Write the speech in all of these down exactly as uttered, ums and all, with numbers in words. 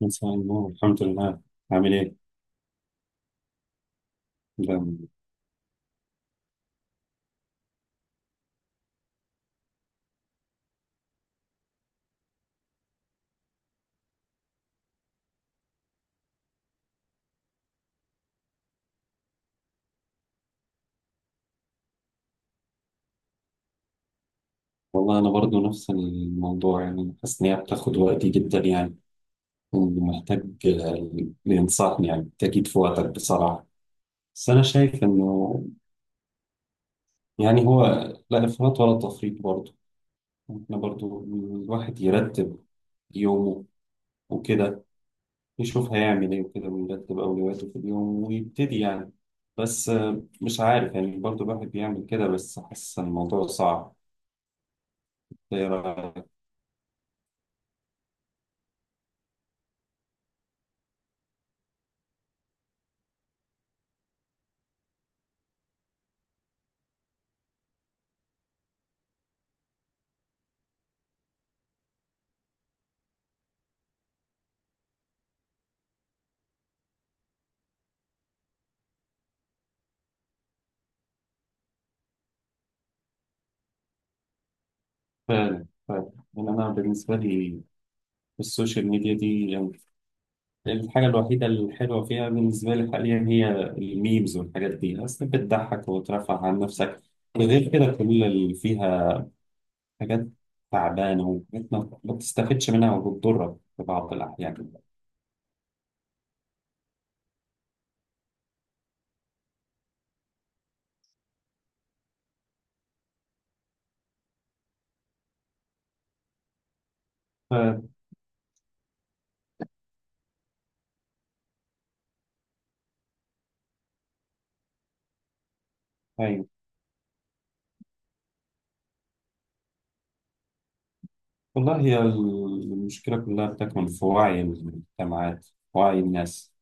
مساء النور، الحمد لله. عامل ايه؟ لا، والله انا برضو نفس الموضوع، يعني حاسس ان هي بتاخد وقتي جدا يعني. ومحتاج اللي ينصحني، يعني تأكيد في وقتك بصراحة. بس انا شايف انه يعني هو لا افراط ولا تفريط برضو. احنا برضو الواحد يرتب يومه وكده، يشوف هيعمل ايه وكده ويرتب اولوياته في اليوم ويبتدي يعني. بس آه، مش عارف، يعني برضو الواحد بيعمل كده، بس حاسس ان الموضوع صعب. فعلا فعلا، يعني أنا بالنسبة لي السوشيال ميديا دي يعني الحاجة الوحيدة الحلوة فيها بالنسبة لي حاليا هي الميمز، والحاجات دي أصلا بتضحك وترفع عن نفسك. غير كده كل اللي فيها حاجات تعبانة، وحاجات ما ما بتستفدش منها وبتضرك في بعض الأحيان. ف- أيوة، والله هي المشكلة كلها بتكمن في وعي المجتمعات، وعي الناس.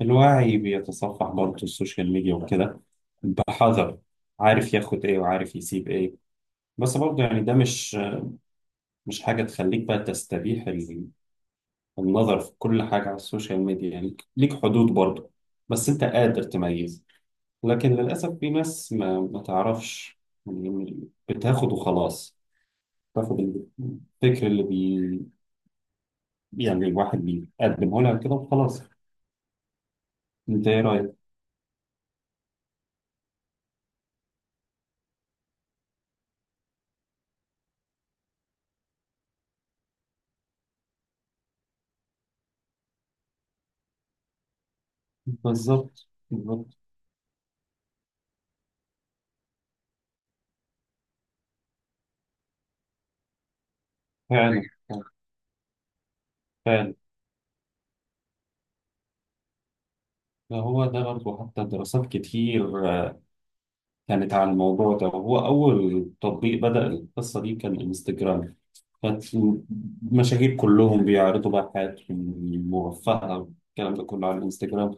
الوعي بيتصفح برضه السوشيال ميديا وكده بحذر، عارف ياخد ايه وعارف يسيب ايه. بس برضه يعني ده مش مش حاجة تخليك بقى تستبيح ال- النظر في كل حاجة على السوشيال ميديا، يعني ليك حدود برضه. بس انت قادر تميز، لكن للأسف في ناس ما, ما تعرفش، يعني بتاخد وخلاص. تاخد الفكر اللي بي، يعني الواحد بيقدمه لها كده وخلاص. انت ايه رأيك؟ بالظبط بالظبط، فعلا. هو ده برضه، حتى دراسات كتير آه، كانت على الموضوع ده، وهو أول تطبيق بدأ القصة دي كان انستجرام. فالمشاهير كلهم بيعرضوا بقى حياتهم المرفهة والكلام ده كله على الانستجرام.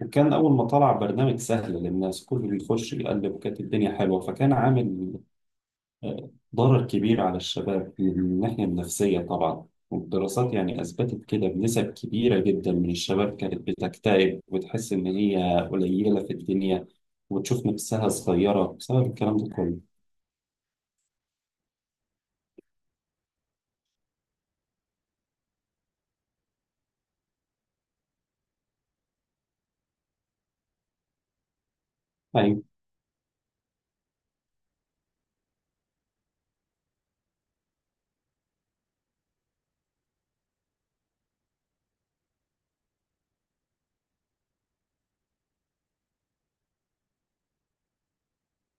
وكان أول ما طلع برنامج سهل للناس، كله بيخش يقلب وكانت الدنيا حلوة، فكان عامل ضرر كبير على الشباب من الناحية النفسية طبعا. والدراسات يعني أثبتت كده بنسب كبيرة جدا من الشباب كانت بتكتئب وتحس إن هي قليلة في الدنيا، وتشوف نفسها صغيرة بسبب الكلام ده كله. يعني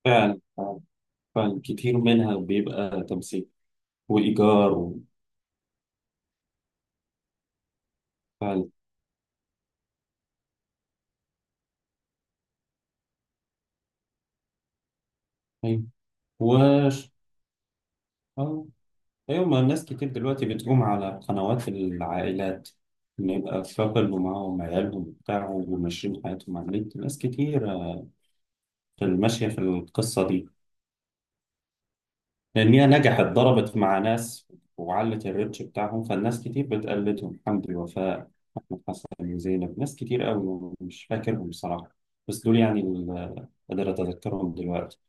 فعلا فعلا، كتير منها بيبقى تمسيك وإيجار و- فعلا. أيوة. وش آه. أيوة، ما الناس كتير دلوقتي بتقوم على قنوات العائلات، إن يبقى كابل ومعاهم عيالهم وبتاع، وماشيين حياتهم على النت، ناس كتير في الماشية في القصة دي. لأن هي نجحت، ضربت مع ناس وعلت الريتش بتاعهم، فالناس كتير بتقلدهم. حمدي وفاء، أحمد حسن وزينب، ناس كتير قوي مش فاكرهم بصراحة، بس دول يعني اللي قادر أتذكرهم دلوقتي.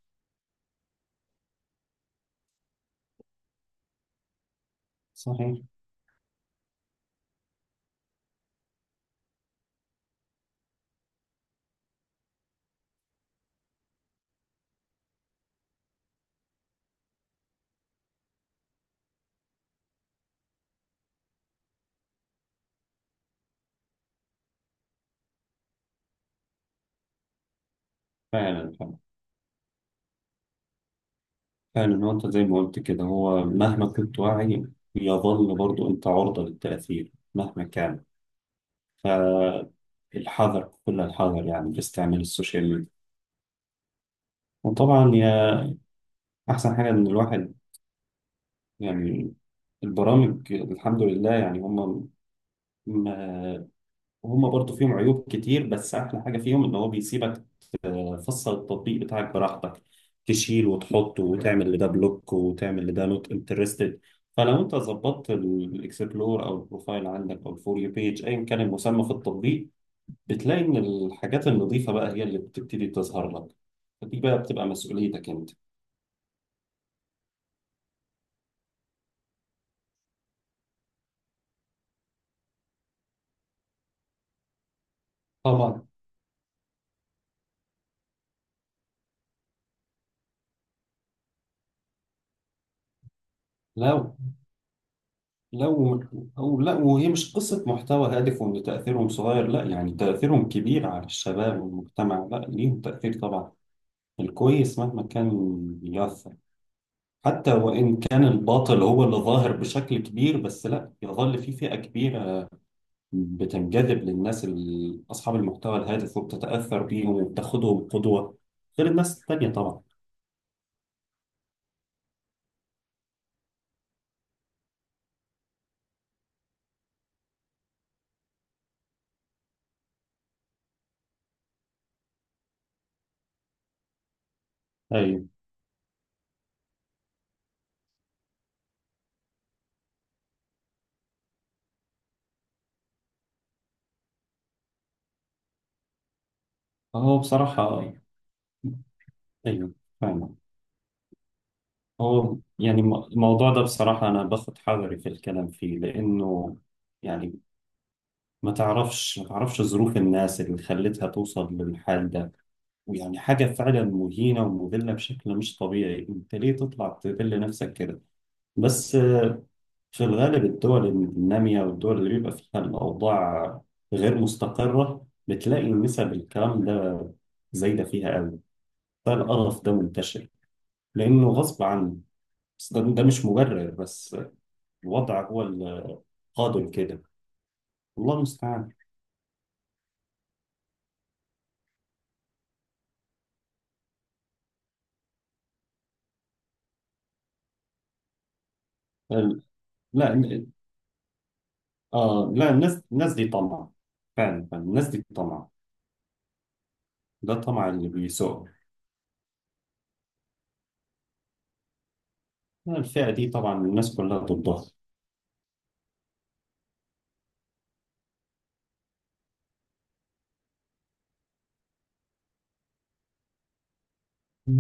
صحيح. فعلا فعلا، هو انت زي ما قلت كده، هو مهما كنت واعي يظل برضو انت عرضة للتأثير مهما كان. فالحذر كل الحذر، يعني في استعمال السوشيال ميديا. وطبعا يا احسن حاجة ان الواحد يعني البرامج، الحمد لله يعني هم ما هم برضو فيهم عيوب كتير، بس احلى حاجة فيهم ان هو بيسيبك. فصل التطبيق بتاعك براحتك، تشيل وتحط وتعمل لده بلوك وتعمل لده نوت انترستد. فلو انت ظبطت الاكسبلور او البروفايل عندك او الفور يو بيج ايا كان المسمى في التطبيق، بتلاقي ان الحاجات النظيفه بقى هي اللي بتبتدي تظهر لك. فدي بقى بتبقى مسؤوليتك انت. طبعا. لو لو او لا، وهي مش قصه محتوى هادف وان تاثيرهم صغير، لا، يعني تاثيرهم كبير على الشباب والمجتمع، لا، ليهم تاثير طبعا. الكويس مهما كان يث حتى وإن كان الباطل هو اللي ظاهر بشكل كبير، بس لا، يظل في فئة كبيرة بتنجذب للناس ال- أصحاب المحتوى الهادف، وبتتأثر بيهم وبتاخدهم قدوة. غير الناس التانية طبعا. أيوه. هو بصراحة، أيوه فاهم. هو يعني م- الموضوع ده بصراحة أنا باخد حذري في الكلام فيه، لأنه يعني ما تعرفش ما تعرفش ظروف الناس اللي خلتها توصل للحال ده. ويعني حاجة فعلا مهينة ومذلة بشكل مش طبيعي، انت ليه تطلع تذل نفسك كده؟ بس آه، في الغالب الدول النامية والدول اللي بيبقى فيها الأوضاع غير مستقرة بتلاقي نسب الكلام ده زايدة فيها قوي. فالقرف ده منتشر لأنه غصب عنه. بس ده, ده مش مبرر، بس الوضع هو القادم كده. الله المستعان. ال- لا، ال- آه لا، الناس الناس دي طمع. فعلا فعلاً، الناس دي طمع. ده طمع اللي بيسوق. الفئة دي طبعا الناس كلها ضدها.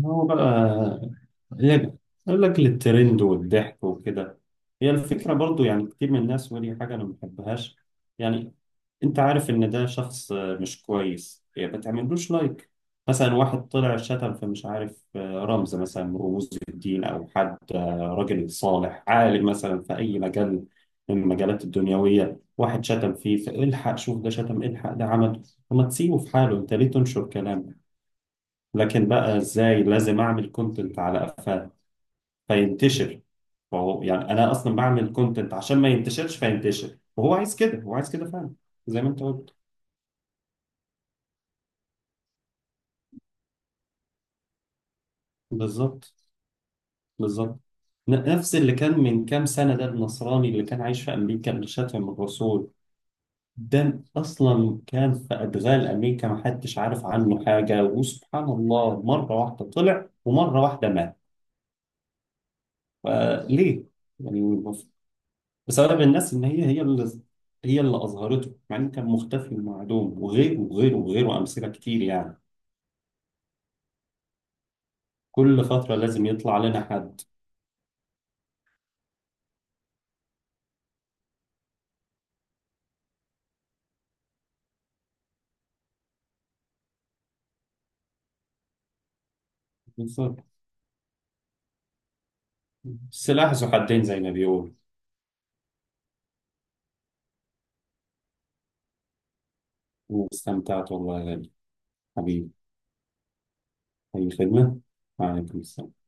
هو بقى لعب، يقول لك للترند والضحك وكده. هي الفكرة برضو، يعني كتير من الناس، ودي حاجة أنا ما بحبهاش. يعني أنت عارف إن ده شخص آه، مش كويس، يعني ما تعملوش لايك. مثلا واحد طلع شتم في مش عارف آه، رمز مثلا من رموز الدين، أو حد آه، راجل صالح عالم مثلا في أي مجال من المجالات الدنيوية، واحد شتم فيه، فالحق شوف، ده شتم الحق، ده عمل. وما تسيبه في حاله، أنت ليه تنشر كلام؟ لكن بقى ازاي لازم اعمل كونتنت على قفاه فينتشر. فهو يعني انا اصلا بعمل كونتنت عشان ما ينتشرش فينتشر، وهو عايز كده، هو عايز كده فعلا. زي ما انت قلت. بالظبط بالظبط. ن- نفس اللي كان من كام سنة ده، النصراني اللي كان عايش في أمريكا اللي شتم الرسول. ده أصلا كان في أدغال أمريكا، ما حدش عارف عنه حاجة، وسبحان الله مرة واحدة طلع ومرة واحدة مات. فليه؟ يعني بسبب الناس، ان هي هي اللي هي اللي اظهرته، مع انه كان مختفي ومعدوم، وغيره وغيره وغيره، امثله كتير يعني. كل فتره لازم يطلع لنا حد. بالظبط. السلاح ذو حدين زي ما بيقول. واستمتعت والله يا غالي، حبيبي. اي خدمه. وعليكم السلام.